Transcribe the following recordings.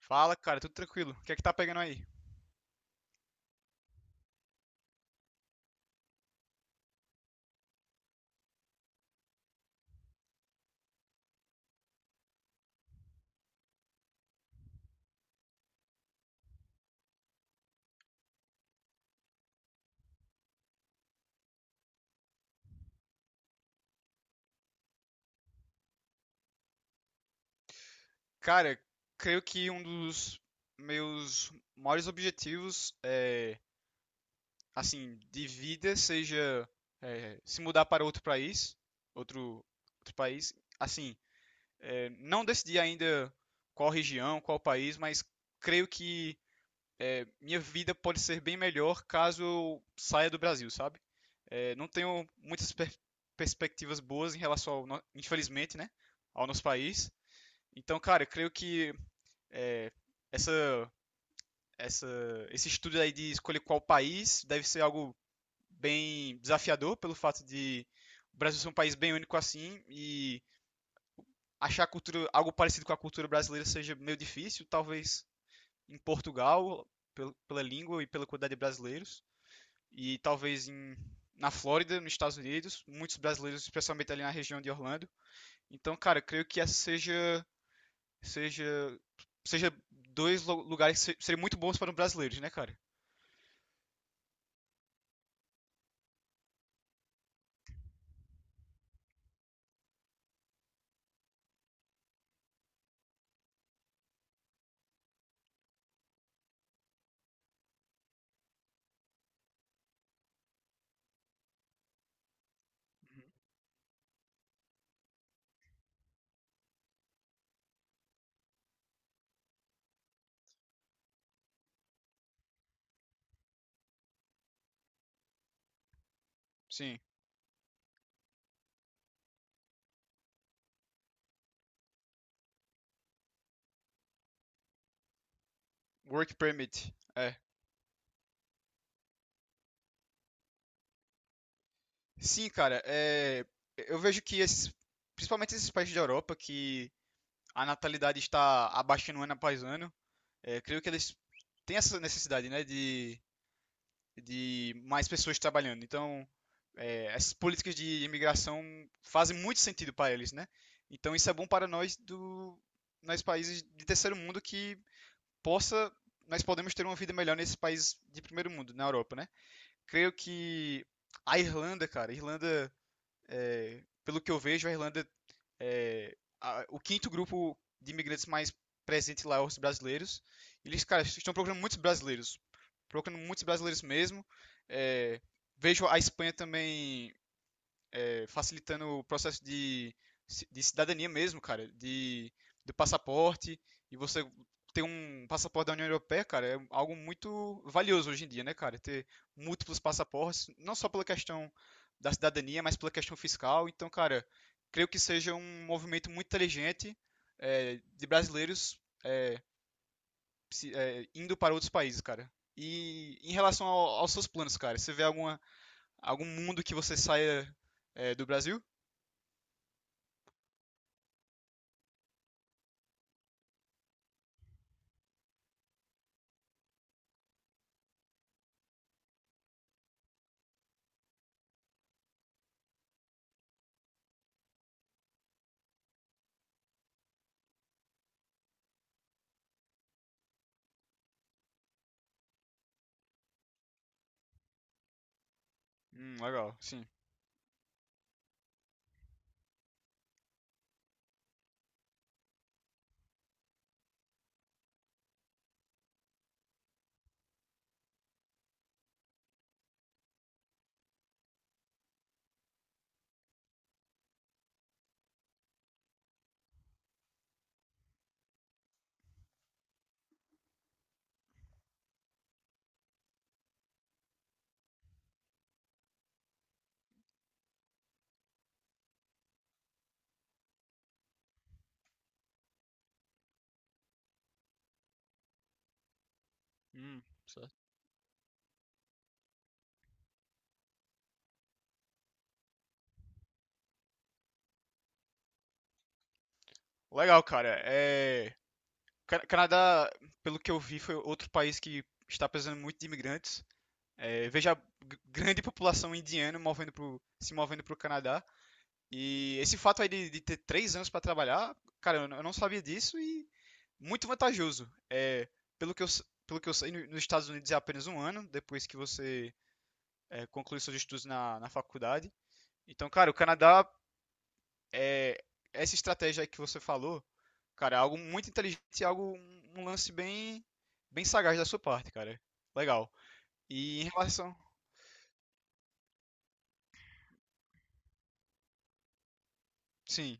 Fala, cara, tudo tranquilo. O que é que tá pegando aí? Cara, creio que um dos meus maiores objetivos assim, de vida seja se mudar para outro país, outro, outro país. Assim, não decidi ainda qual região, qual país, mas creio que minha vida pode ser bem melhor caso eu saia do Brasil, sabe? É, não tenho muitas perspectivas boas em relação ao, infelizmente, né, ao nosso país. Então, cara, eu creio que é, essa, essa, esse estudo aí de escolher qual país deve ser algo bem desafiador pelo fato de o Brasil ser um país bem único assim e achar a cultura, algo parecido com a cultura brasileira seja meio difícil, talvez em Portugal, pela língua e pela quantidade de brasileiros, e na Flórida, nos Estados Unidos, muitos brasileiros, especialmente ali na região de Orlando. Então, cara, eu creio que essa seja seja seja lugares que seriam muito bons para um brasileiro, né, cara? Uhum. Sim, work permit. É. Sim, cara, é, eu vejo que principalmente esses países da Europa, que a natalidade está abaixando ano após ano, creio que eles têm essa necessidade, né, de mais pessoas trabalhando. Então, essas políticas de imigração fazem muito sentido para eles, né? Então, isso é bom para nós países de terceiro mundo que possa nós podemos ter uma vida melhor nesse país de primeiro mundo, na Europa, né? Creio que a Irlanda, é, pelo que eu vejo, a Irlanda é o quinto grupo de imigrantes mais presente lá é os brasileiros. Eles, cara, estão procurando muitos brasileiros mesmo. É, vejo a Espanha também facilitando o processo de cidadania mesmo, do passaporte, e você ter um passaporte da União Europeia, cara, é algo muito valioso hoje em dia, né, cara? Ter múltiplos passaportes, não só pela questão da cidadania, mas pela questão fiscal. Então, cara, creio que seja um movimento muito inteligente de brasileiros indo para outros países, cara. E em relação aos seus planos, cara, você vê alguma, algum mundo que você saia do Brasil? Legal, sim. Certo. Legal, cara. É... Canadá, pelo que eu vi, foi outro país que está precisando muito de imigrantes. É, veja a grande população indiana se movendo para o Canadá. E esse fato aí de ter três anos para trabalhar, cara, eu não sabia disso e muito vantajoso. É, pelo que eu sei, nos Estados Unidos é apenas um ano depois que você conclui seus estudos na faculdade. Então, cara, o Canadá é, essa estratégia aí que você falou, cara, é algo muito inteligente e algo, um lance bem, bem sagaz da sua parte, cara. Legal. E em relação. Sim.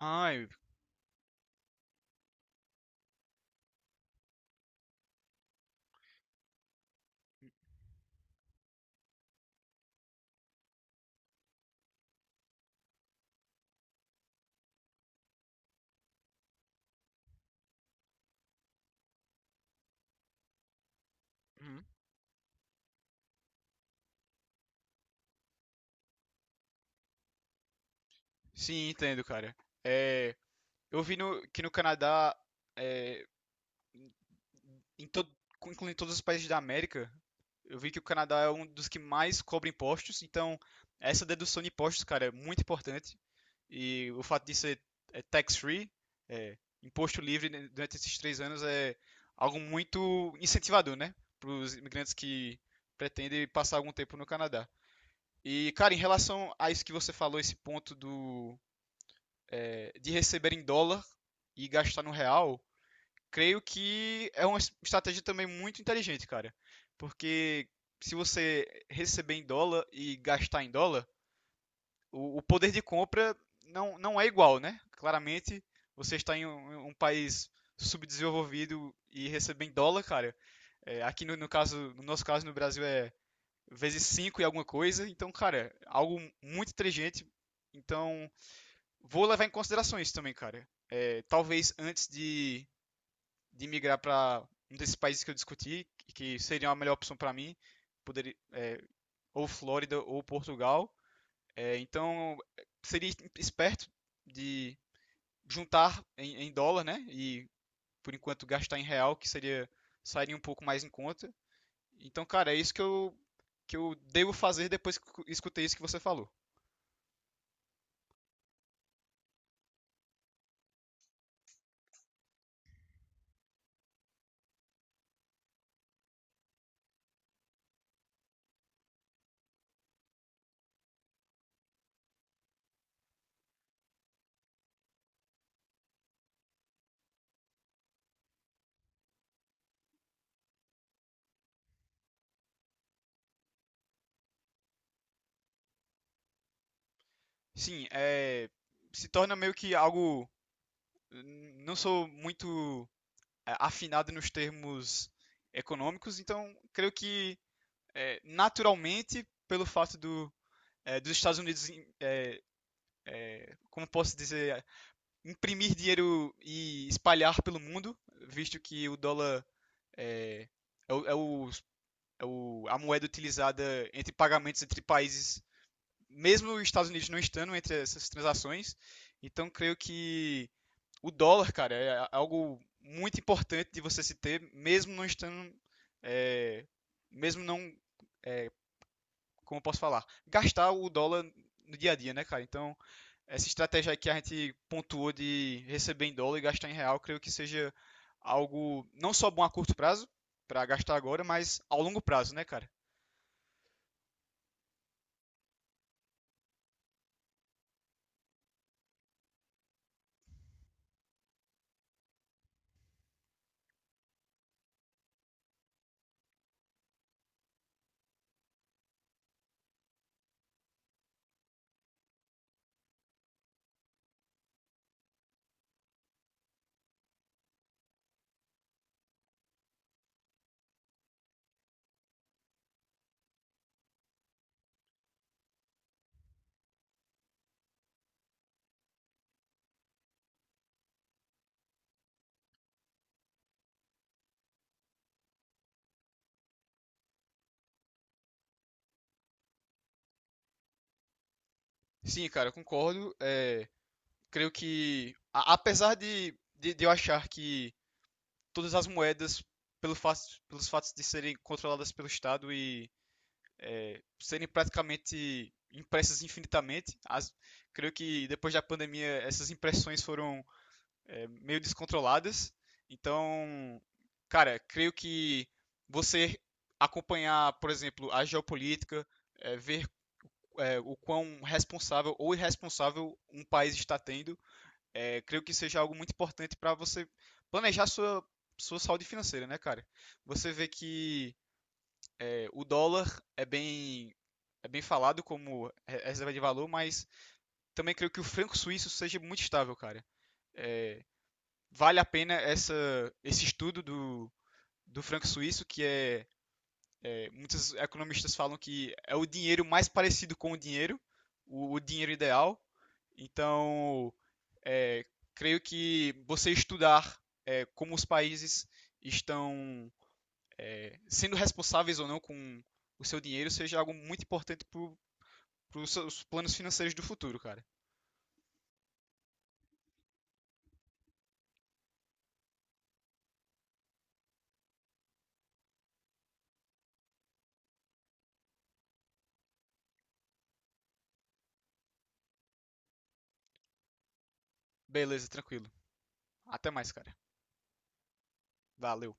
Ai. Uhum. Sim, entendo, cara. É, eu vi no, que no Canadá, é, em todo, incluindo todos os países da América, eu vi que o Canadá é um dos que mais cobra impostos, então essa dedução de impostos, cara, é muito importante. E o fato de ser tax-free, é, imposto livre né, durante esses três anos, é algo muito incentivador, né? Para os imigrantes que pretendem passar algum tempo no Canadá. E, cara, em relação a isso que você falou, esse ponto do de receber em dólar e gastar no real, creio que é uma estratégia também muito inteligente, cara. Porque se você receber em dólar e gastar em dólar, o poder de compra não é igual, né? Claramente, você está em um país subdesenvolvido e receber em dólar, cara. É, aqui no, no caso, no nosso caso, no Brasil é vezes 5 e alguma coisa. Então, cara, é algo muito inteligente. Então, vou levar em consideração isso também, cara. É, talvez antes de migrar para um desses países que eu discuti, que seria a melhor opção para mim, poderia, é, ou Flórida ou Portugal. É, então, seria esperto de juntar dólar, né? E por enquanto gastar em real, que seria sairia um pouco mais em conta. Então, cara, é isso que eu devo fazer depois que escutei isso que você falou. Sim, é, se torna meio que algo não sou muito afinado nos termos econômicos. Então, creio que naturalmente, pelo fato do, é, dos Estados Unidos, é, como posso dizer, imprimir dinheiro e espalhar pelo mundo, visto que o dólar é, é, o, é, o, a moeda utilizada entre pagamentos entre países mesmo os Estados Unidos não estando entre essas transações, então creio que o dólar, cara, é algo muito importante de você se ter, mesmo não estando, é, mesmo não, é, como eu posso falar, gastar o dólar no dia a dia, né, cara? Então, essa estratégia aí que a gente pontuou de receber em dólar e gastar em real, creio que seja algo não só bom a curto prazo, para gastar agora, mas ao longo prazo, né, cara? Sim, cara, eu concordo. É, creio que, apesar de eu achar que todas as moedas, pelo fato, pelos fatos de serem controladas pelo Estado e serem praticamente impressas infinitamente, as, creio que depois da pandemia essas impressões foram meio descontroladas. Então, cara, creio que você acompanhar, por exemplo, a geopolítica, ver o quão responsável ou irresponsável um país está tendo creio que seja algo muito importante para você planejar sua saúde financeira, né, cara? Você vê que o dólar é bem, é bem falado como reserva de valor, mas também creio que o franco suíço seja muito estável, cara. Vale a pena esse estudo do franco suíço, que muitos economistas falam que é o dinheiro mais parecido com o dinheiro, o dinheiro ideal. Então, é, creio que você estudar é, como os países estão sendo responsáveis ou não com o seu dinheiro seja algo muito importante para os planos financeiros do futuro, cara. Beleza, tranquilo. Até mais, cara. Valeu.